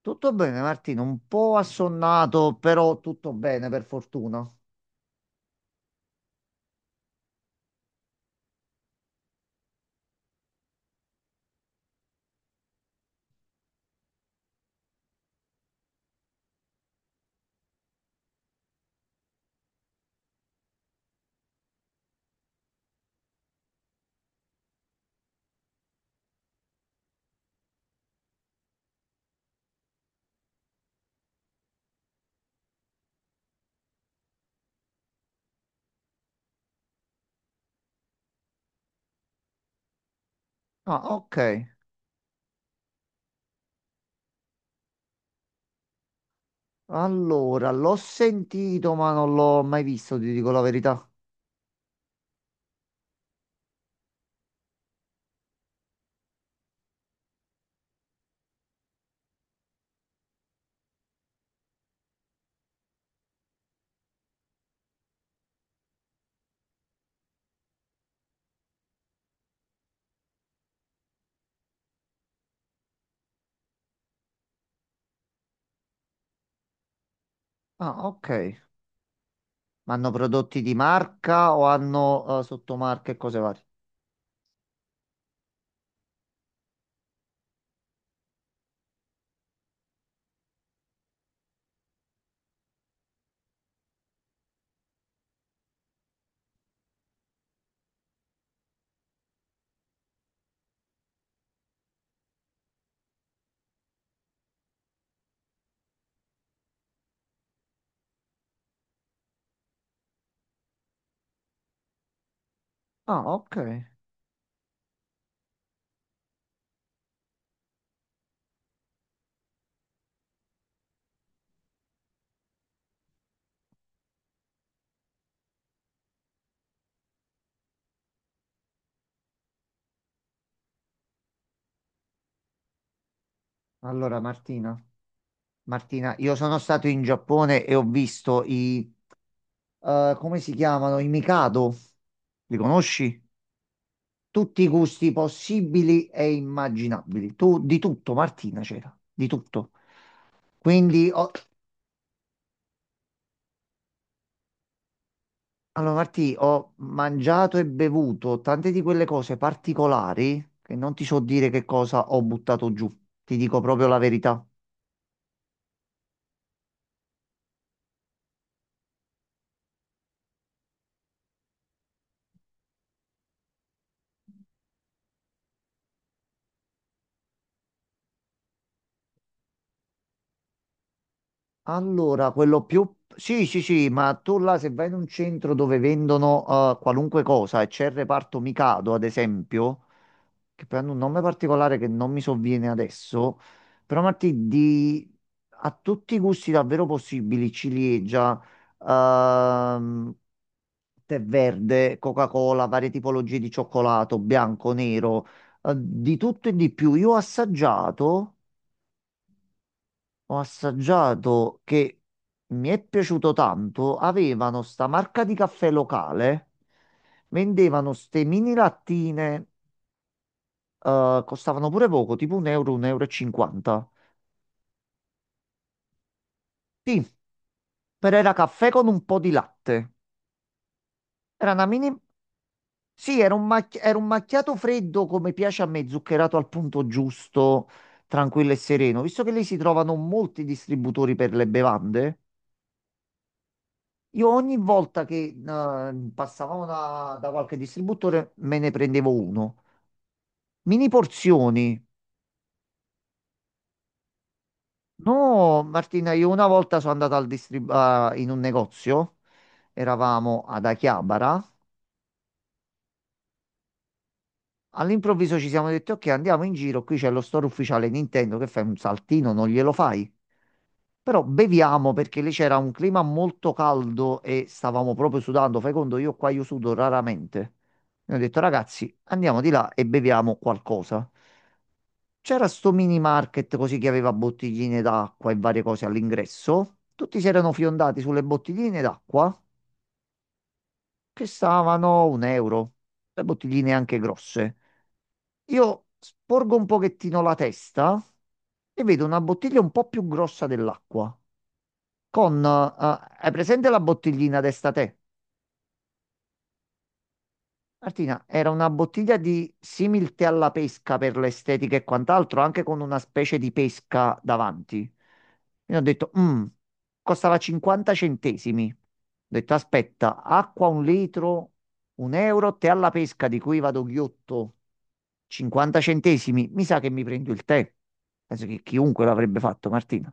Tutto bene, Martino, un po' assonnato, però tutto bene per fortuna. Ah, ok. Allora, l'ho sentito, ma non l'ho mai visto, ti dico la verità. Ah, ok. Ma hanno prodotti di marca o hanno sottomarche e cose varie? Ah, ok. Allora, Martina, io sono stato in Giappone e ho visto come si chiamano? I Mikado. Li conosci? Tutti i gusti possibili e immaginabili. Tu di tutto, Martina, c'era, di tutto. Quindi ho, allora, Martì, ho mangiato e bevuto tante di quelle cose particolari che non ti so dire che cosa ho buttato giù. Ti dico proprio la verità. Allora, quello più... Sì, sì, sì, ma tu là se vai in un centro dove vendono qualunque cosa e c'è il reparto Mikado, ad esempio, che prende un nome particolare che non mi sovviene adesso, però Martì, di a tutti i gusti davvero possibili, ciliegia, ehm, tè verde, Coca-Cola, varie tipologie di cioccolato, bianco, nero, di tutto e di più. Ho assaggiato che mi è piaciuto tanto, avevano sta marca di caffè locale, vendevano ste mini lattine costavano pure poco, tipo un euro e cinquanta. Sì, però era caffè con un po' di latte. Era una mini... Sì, era un macchiato freddo come piace a me, zuccherato al punto giusto, tranquillo e sereno. Visto che lì si trovano molti distributori per le bevande, io ogni volta che passavamo da qualche distributore me ne prendevo uno. Mini porzioni. No, Martina, io una volta sono andato in un negozio, eravamo ad Achiabara. All'improvviso ci siamo detti, ok, andiamo in giro, qui c'è lo store ufficiale Nintendo, che fai un saltino, non glielo fai? Però beviamo perché lì c'era un clima molto caldo e stavamo proprio sudando, fai conto, io qua, io sudo raramente. E ho detto, ragazzi, andiamo di là e beviamo qualcosa. C'era sto mini market così che aveva bottigline d'acqua e varie cose all'ingresso. Tutti si erano fiondati sulle bottigline d'acqua che stavano un euro, le bottigline anche grosse. Io sporgo un pochettino la testa e vedo una bottiglia un po' più grossa dell'acqua. Con, eh, hai presente la bottiglina testa te? Martina, era una bottiglia di similte alla pesca per l'estetica e quant'altro, anche con una specie di pesca davanti. Quindi ho detto, "Mm, costava 50 centesimi. Ho detto, aspetta, acqua un litro, un euro, te alla pesca di cui vado ghiotto 50 centesimi, mi sa che mi prendo il tè." Penso che chiunque l'avrebbe fatto, Martina.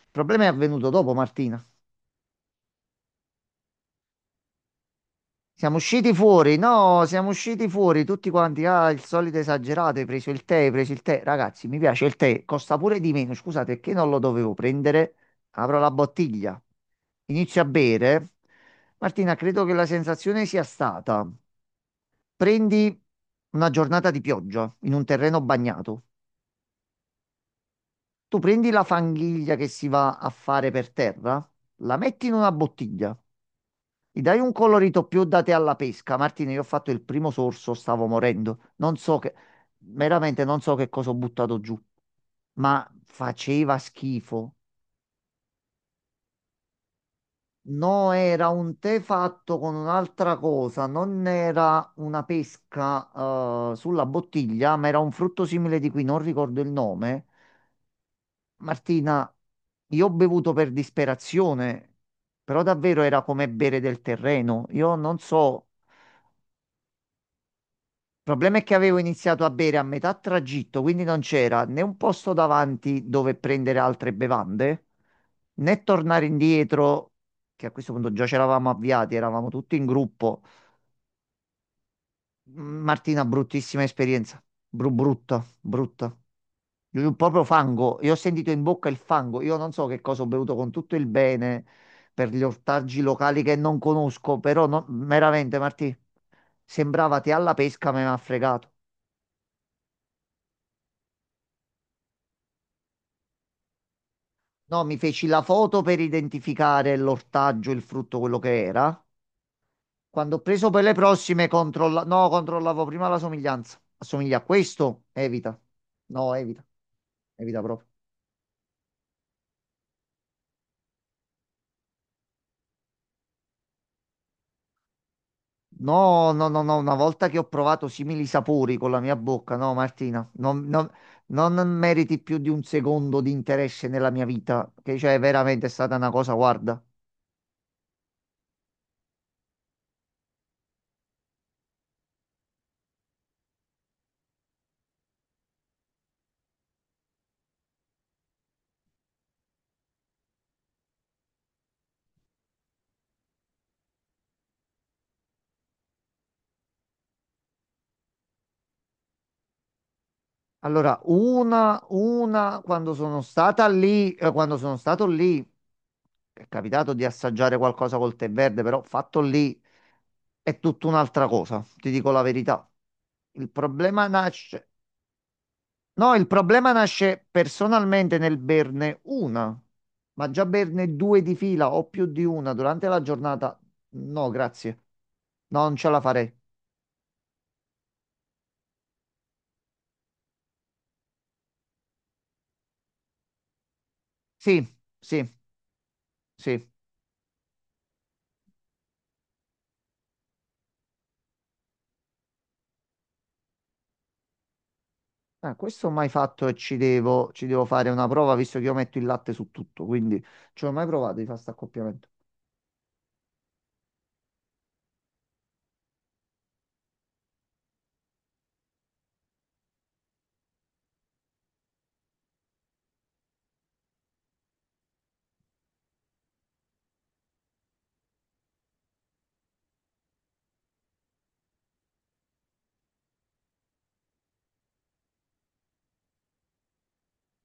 Il problema è avvenuto dopo, Martina. Siamo usciti fuori, no, siamo usciti fuori tutti quanti. Ah, il solito esagerato, hai preso il tè, hai preso il tè. Ragazzi, mi piace il tè, costa pure di meno. Scusate, perché non lo dovevo prendere? Apro la bottiglia, inizio a bere. Martina, credo che la sensazione sia stata: prendi una giornata di pioggia in un terreno bagnato. Tu prendi la fanghiglia che si va a fare per terra, la metti in una bottiglia, gli dai un colorito più da te alla pesca. Martina, io ho fatto il primo sorso, stavo morendo. Non so che, veramente non so che cosa ho buttato giù, ma faceva schifo. No, era un tè fatto con un'altra cosa, non era una pesca, sulla bottiglia, ma era un frutto simile di cui non ricordo il nome. Martina, io ho bevuto per disperazione, però davvero era come bere del terreno. Io non so. Il problema è che avevo iniziato a bere a metà tragitto, quindi non c'era né un posto davanti dove prendere altre bevande, né tornare indietro, che a questo punto già ci eravamo avviati, eravamo tutti in gruppo. Martina, bruttissima esperienza. Brutta, brutta. Proprio fango, io ho sentito in bocca il fango. Io non so che cosa ho bevuto con tutto il bene per gli ortaggi locali che non conosco, però veramente, Martì, sembrava te alla pesca, ma mi ha fregato. No, mi feci la foto per identificare l'ortaggio, il frutto, quello che era. Quando ho preso per le prossime, controlla... no, controllavo prima la somiglianza. Assomiglia a questo? Evita. No, evita. Evita proprio. No, no, no, no, una volta che ho provato simili sapori con la mia bocca, no, Martina, non meriti più di un secondo di interesse nella mia vita, che cioè veramente è stata una cosa, guarda. Allora, una, quando sono stata lì, quando sono stato lì, è capitato di assaggiare qualcosa col tè verde, però fatto lì è tutta un'altra cosa, ti dico la verità. Il problema nasce, No, il problema nasce personalmente nel berne una, ma già berne due di fila o più di una durante la giornata. No, grazie. No, non ce la farei. Sì, sì, sì. Ah, questo ho mai fatto e ci devo fare una prova visto che io metto il latte su tutto, quindi ci ho mai provato di fare sta accoppiamento.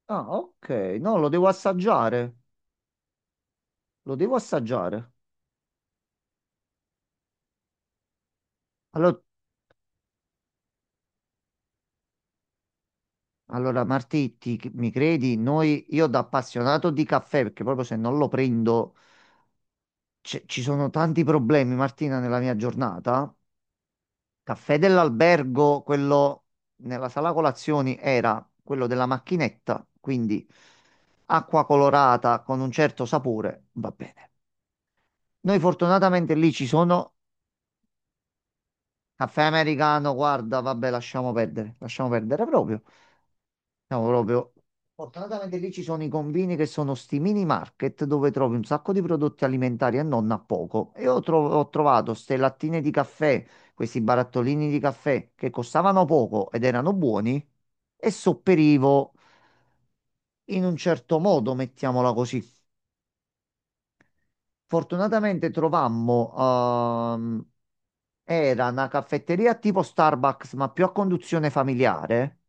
Ah, ok. No, lo devo assaggiare. Lo devo assaggiare. Allora, mi credi? Noi, io da appassionato di caffè, perché proprio se non lo prendo. Ci sono tanti problemi, Martina, nella mia giornata. Caffè dell'albergo, quello nella sala colazioni era quello della macchinetta, quindi acqua colorata con un certo sapore, va bene. Noi fortunatamente lì ci sono caffè americano, guarda, vabbè, lasciamo perdere proprio. Siamo proprio. Fortunatamente lì ci sono i combini che sono sti mini market dove trovi un sacco di prodotti alimentari e non a poco. Ho trovato ste lattine di caffè, questi barattolini di caffè che costavano poco ed erano buoni e sopperivo in un certo modo, mettiamola così. Fortunatamente trovammo, ehm, era una caffetteria tipo Starbucks, ma più a conduzione familiare,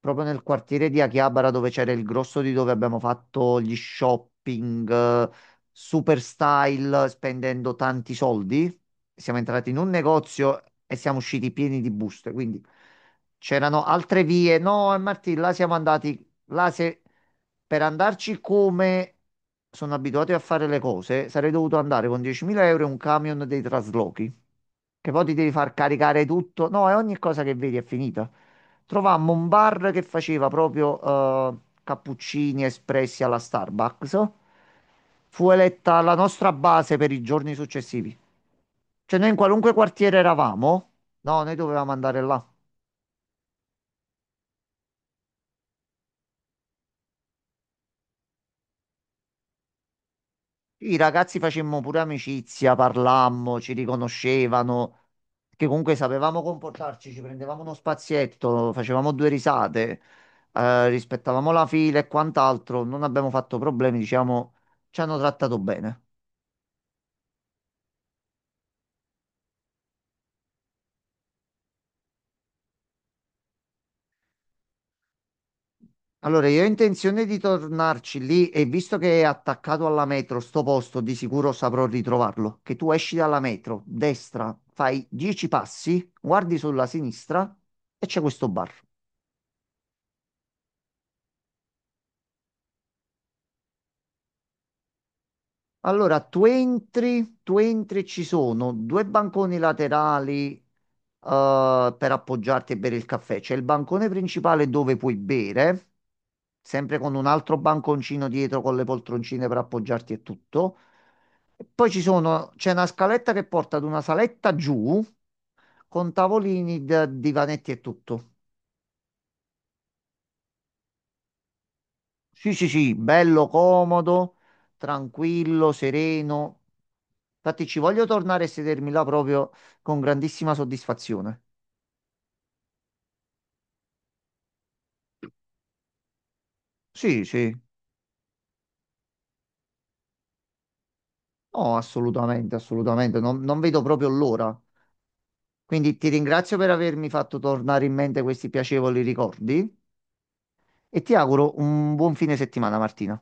proprio nel quartiere di Akihabara dove c'era il grosso di dove abbiamo fatto gli shopping, super style, spendendo tanti soldi. Siamo entrati in un negozio e siamo usciti pieni di buste, quindi c'erano altre vie. No, Martì, là siamo andati, là se per andarci come sono abituati a fare le cose, sarei dovuto andare con 10.000 euro e un camion dei traslochi. Che poi ti devi far caricare tutto. No, e ogni cosa che vedi è finita. Trovammo un bar che faceva proprio eh, cappuccini espressi alla Starbucks. Fu eletta la nostra base per i giorni successivi. Cioè, noi in qualunque quartiere eravamo, no, noi dovevamo andare là. I ragazzi facemmo pure amicizia, parlammo, ci riconoscevano, che comunque sapevamo comportarci, ci prendevamo uno spazietto, facevamo due risate, rispettavamo la fila e quant'altro, non abbiamo fatto problemi, diciamo, ci hanno trattato bene. Allora, io ho intenzione di tornarci lì e visto che è attaccato alla metro, sto posto, di sicuro saprò ritrovarlo. Che tu esci dalla metro, destra, fai 10 passi, guardi sulla sinistra e c'è questo bar. Allora, tu entri, e ci sono due banconi laterali, per appoggiarti e bere il caffè. C'è il bancone principale dove puoi bere, sempre con un altro banconcino dietro con le poltroncine per appoggiarti e tutto. E poi c'è una scaletta che porta ad una saletta giù con tavolini, divanetti e tutto. Sì, sì, sì, bello comodo, tranquillo, sereno. Infatti ci voglio tornare e sedermi là proprio con grandissima soddisfazione. Sì, sì, no, assolutamente, assolutamente, non vedo proprio l'ora. Quindi ti ringrazio per avermi fatto tornare in mente questi piacevoli ricordi e ti auguro un buon fine settimana, Martina.